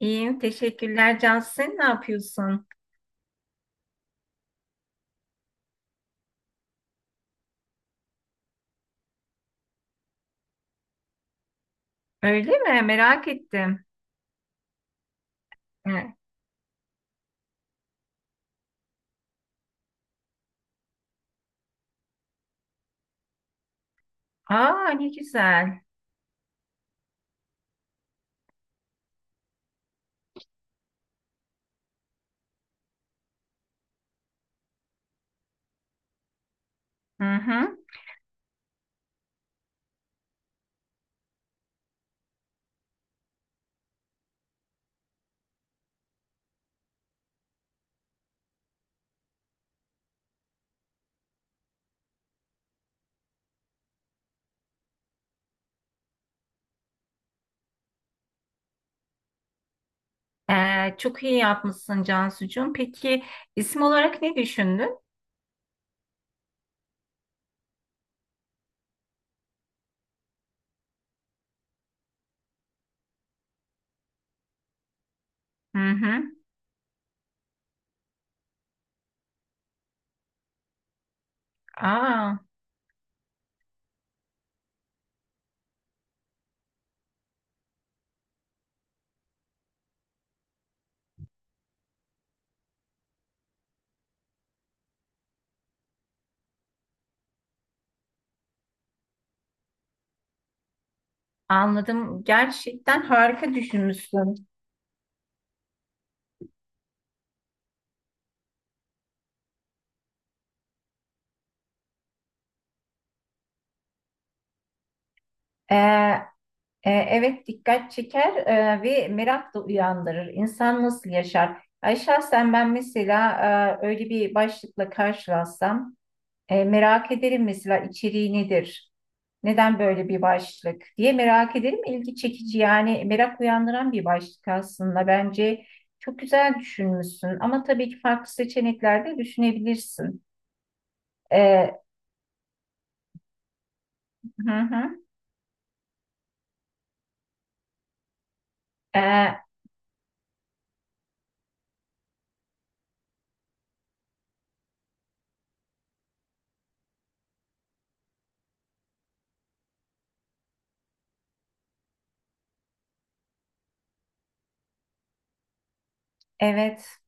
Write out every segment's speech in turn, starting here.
İyiyim, teşekkürler Cansin. Ne yapıyorsun? Öyle mi? Merak ettim. Evet. Aa, ne güzel. Hı hı. Çok iyi yapmışsın Cansucuğum. Peki isim olarak ne düşündün? Hı hı. Aa, anladım. Gerçekten harika düşünmüşsün. Ee, evet, dikkat çeker, ve merak da uyandırır. İnsan nasıl yaşar? Ay şahsen ben mesela öyle bir başlıkla karşılaşsam. Merak ederim, mesela içeriği nedir? Neden böyle bir başlık diye merak ederim. İlgi çekici, yani merak uyandıran bir başlık aslında. Bence çok güzel düşünmüşsün, ama tabii ki farklı seçenekler de düşünebilirsin. E, hı hı. E, evet.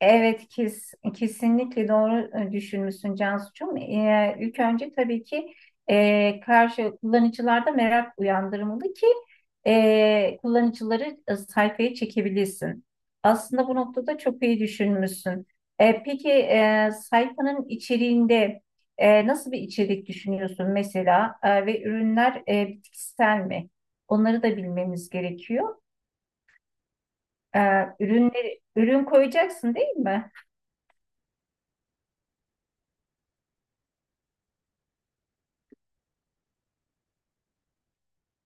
Evet, kesinlikle doğru düşünmüşsün Cansu'cum. İlk önce tabii ki karşı kullanıcılarda merak uyandırmalı ki kullanıcıları sayfaya çekebilirsin. Aslında bu noktada çok iyi düşünmüşsün. Peki, sayfanın içeriğinde nasıl bir içerik düşünüyorsun mesela? Ve ürünler bitkisel mi? Onları da bilmemiz gerekiyor. E, Ürünleri, ürün koyacaksın değil mi?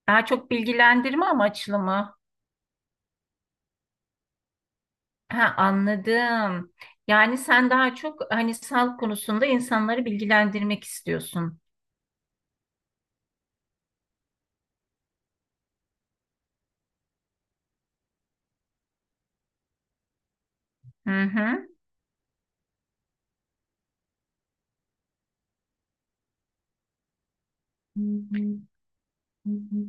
Daha çok bilgilendirme amaçlı mı? Ha, anladım. Yani sen daha çok hani sağlık konusunda insanları bilgilendirmek istiyorsun. Hı hı.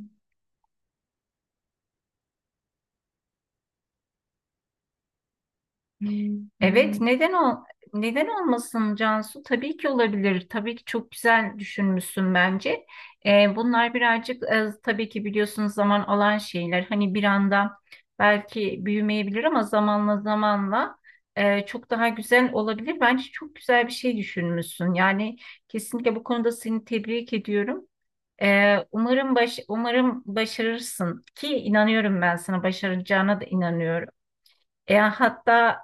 Hmm. Evet, neden olmasın Cansu? Tabii ki olabilir. Tabii ki çok güzel düşünmüşsün bence. Bunlar birazcık, tabii ki biliyorsunuz, zaman alan şeyler. Hani bir anda belki büyümeyebilir, ama zamanla çok daha güzel olabilir. Bence çok güzel bir şey düşünmüşsün. Yani kesinlikle bu konuda seni tebrik ediyorum. Umarım başarırsın ki inanıyorum, ben sana başaracağına da inanıyorum. Hatta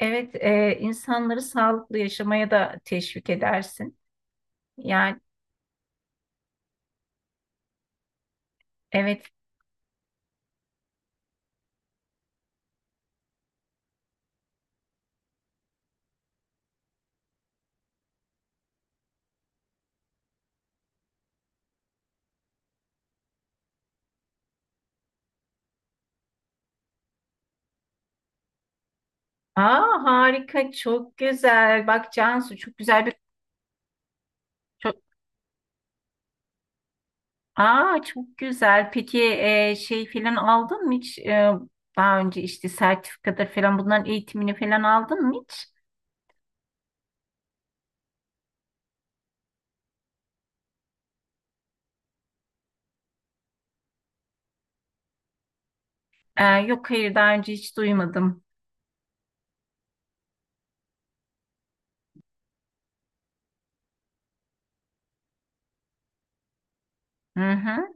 evet, insanları sağlıklı yaşamaya da teşvik edersin. Yani evet. Aa, harika, çok güzel. Bak Cansu çok güzel bir çok Aa, çok güzel. Peki, şey falan aldın mı hiç? Daha önce işte sertifikada falan bunların eğitimini falan aldın mı hiç? Yok, hayır, daha önce hiç duymadım. Hı hı.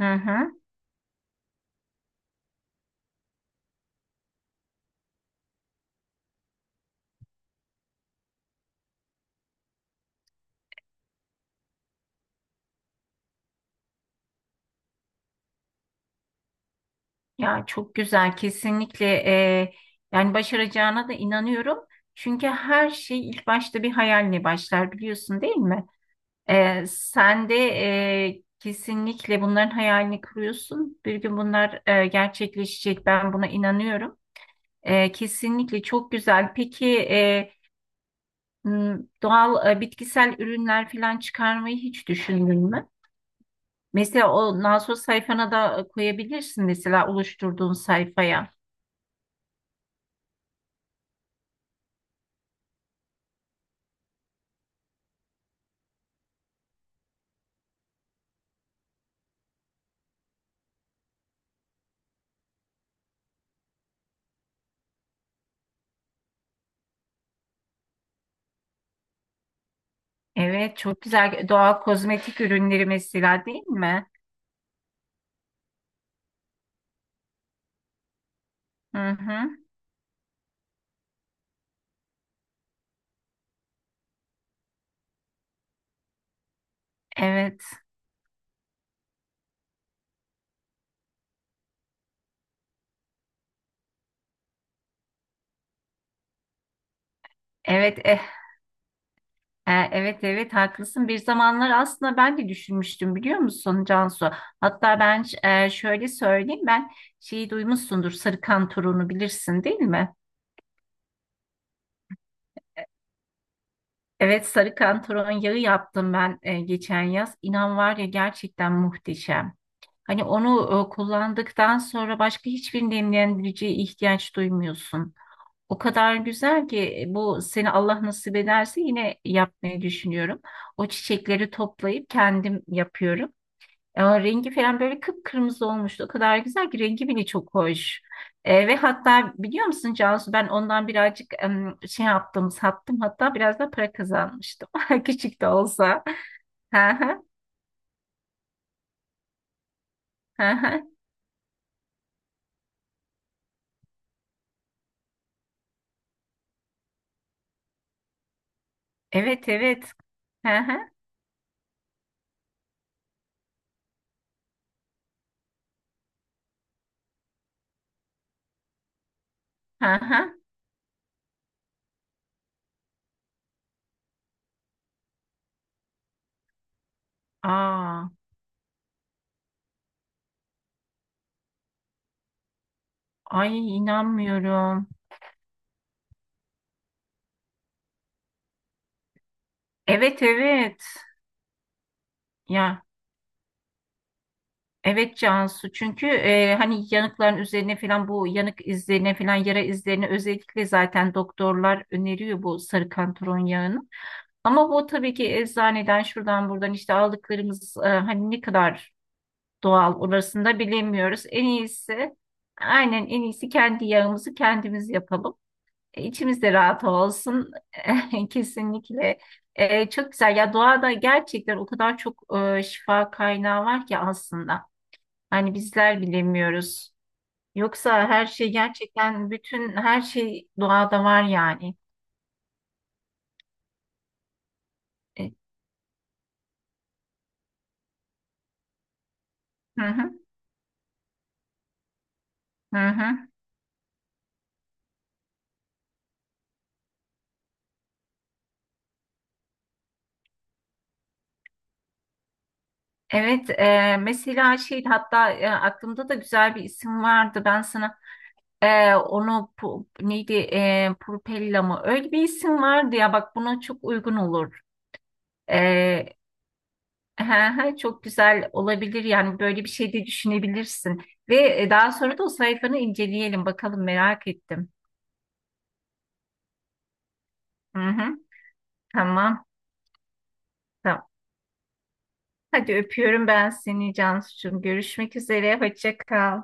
Hı hı. Ya çok güzel kesinlikle, yani başaracağına da inanıyorum. Çünkü her şey ilk başta bir hayalle başlar, biliyorsun değil mi? Sen de kesinlikle bunların hayalini kuruyorsun. Bir gün bunlar gerçekleşecek, ben buna inanıyorum. Kesinlikle çok güzel. Peki, m, doğal, bitkisel ürünler falan çıkarmayı hiç düşündün mü? Mesela o nasos sayfana da koyabilirsin, mesela oluşturduğun sayfaya. Evet, çok güzel, doğal kozmetik ürünleri mesela değil mi? Hı hı. Evet. Evet. Evet, evet, haklısın. Bir zamanlar aslında ben de düşünmüştüm, biliyor musun Cansu? Hatta ben, şöyle söyleyeyim, ben şeyi duymuşsundur, sarı turunu bilirsin değil mi? Evet, sarı turun yağı yaptım ben geçen yaz. İnan var ya, gerçekten muhteşem. Hani onu kullandıktan sonra başka hiçbir nemlendiriciye ihtiyaç duymuyorsun. O kadar güzel ki, bu seni, Allah nasip ederse, yine yapmayı düşünüyorum. O çiçekleri toplayıp kendim yapıyorum. Ya rengi falan böyle kıpkırmızı olmuştu. O kadar güzel ki rengi bile çok hoş. Ve hatta biliyor musun Cansu, ben ondan birazcık, şey yaptım, sattım, hatta biraz da para kazanmıştım. Küçük de olsa. Hı hı, hı hı. Evet evet. Hı hı, hı hı. Aa, ay inanmıyorum. Evet evet. Ya, evet Cansu, çünkü hani yanıkların üzerine falan, bu yanık izlerine falan, yara izlerine özellikle zaten doktorlar öneriyor bu sarı kantaron yağını. Ama bu tabii ki eczaneden, şuradan buradan işte aldıklarımız, hani ne kadar doğal orasını da bilemiyoruz. En iyisi, aynen, en iyisi kendi yağımızı kendimiz yapalım. İçimiz de rahat olsun. Kesinlikle. Çok güzel ya, doğada gerçekten o kadar çok şifa kaynağı var ki aslında. Hani bizler bilemiyoruz. Yoksa her şey, gerçekten bütün her şey doğada var yani. E, Hı hı, hı hı. Evet, mesela şey, hatta aklımda da güzel bir isim vardı. Ben sana onu neydi, Purpella mı? Öyle bir isim vardı ya, bak buna çok uygun olur. E, he, he, çok güzel olabilir yani, böyle bir şey de düşünebilirsin. Ve daha sonra da o sayfanı inceleyelim bakalım, merak ettim. Hı hı, tamam. Tamam. Hadi öpüyorum ben seni Cansucuğum. Görüşmek üzere. Hoşça kal.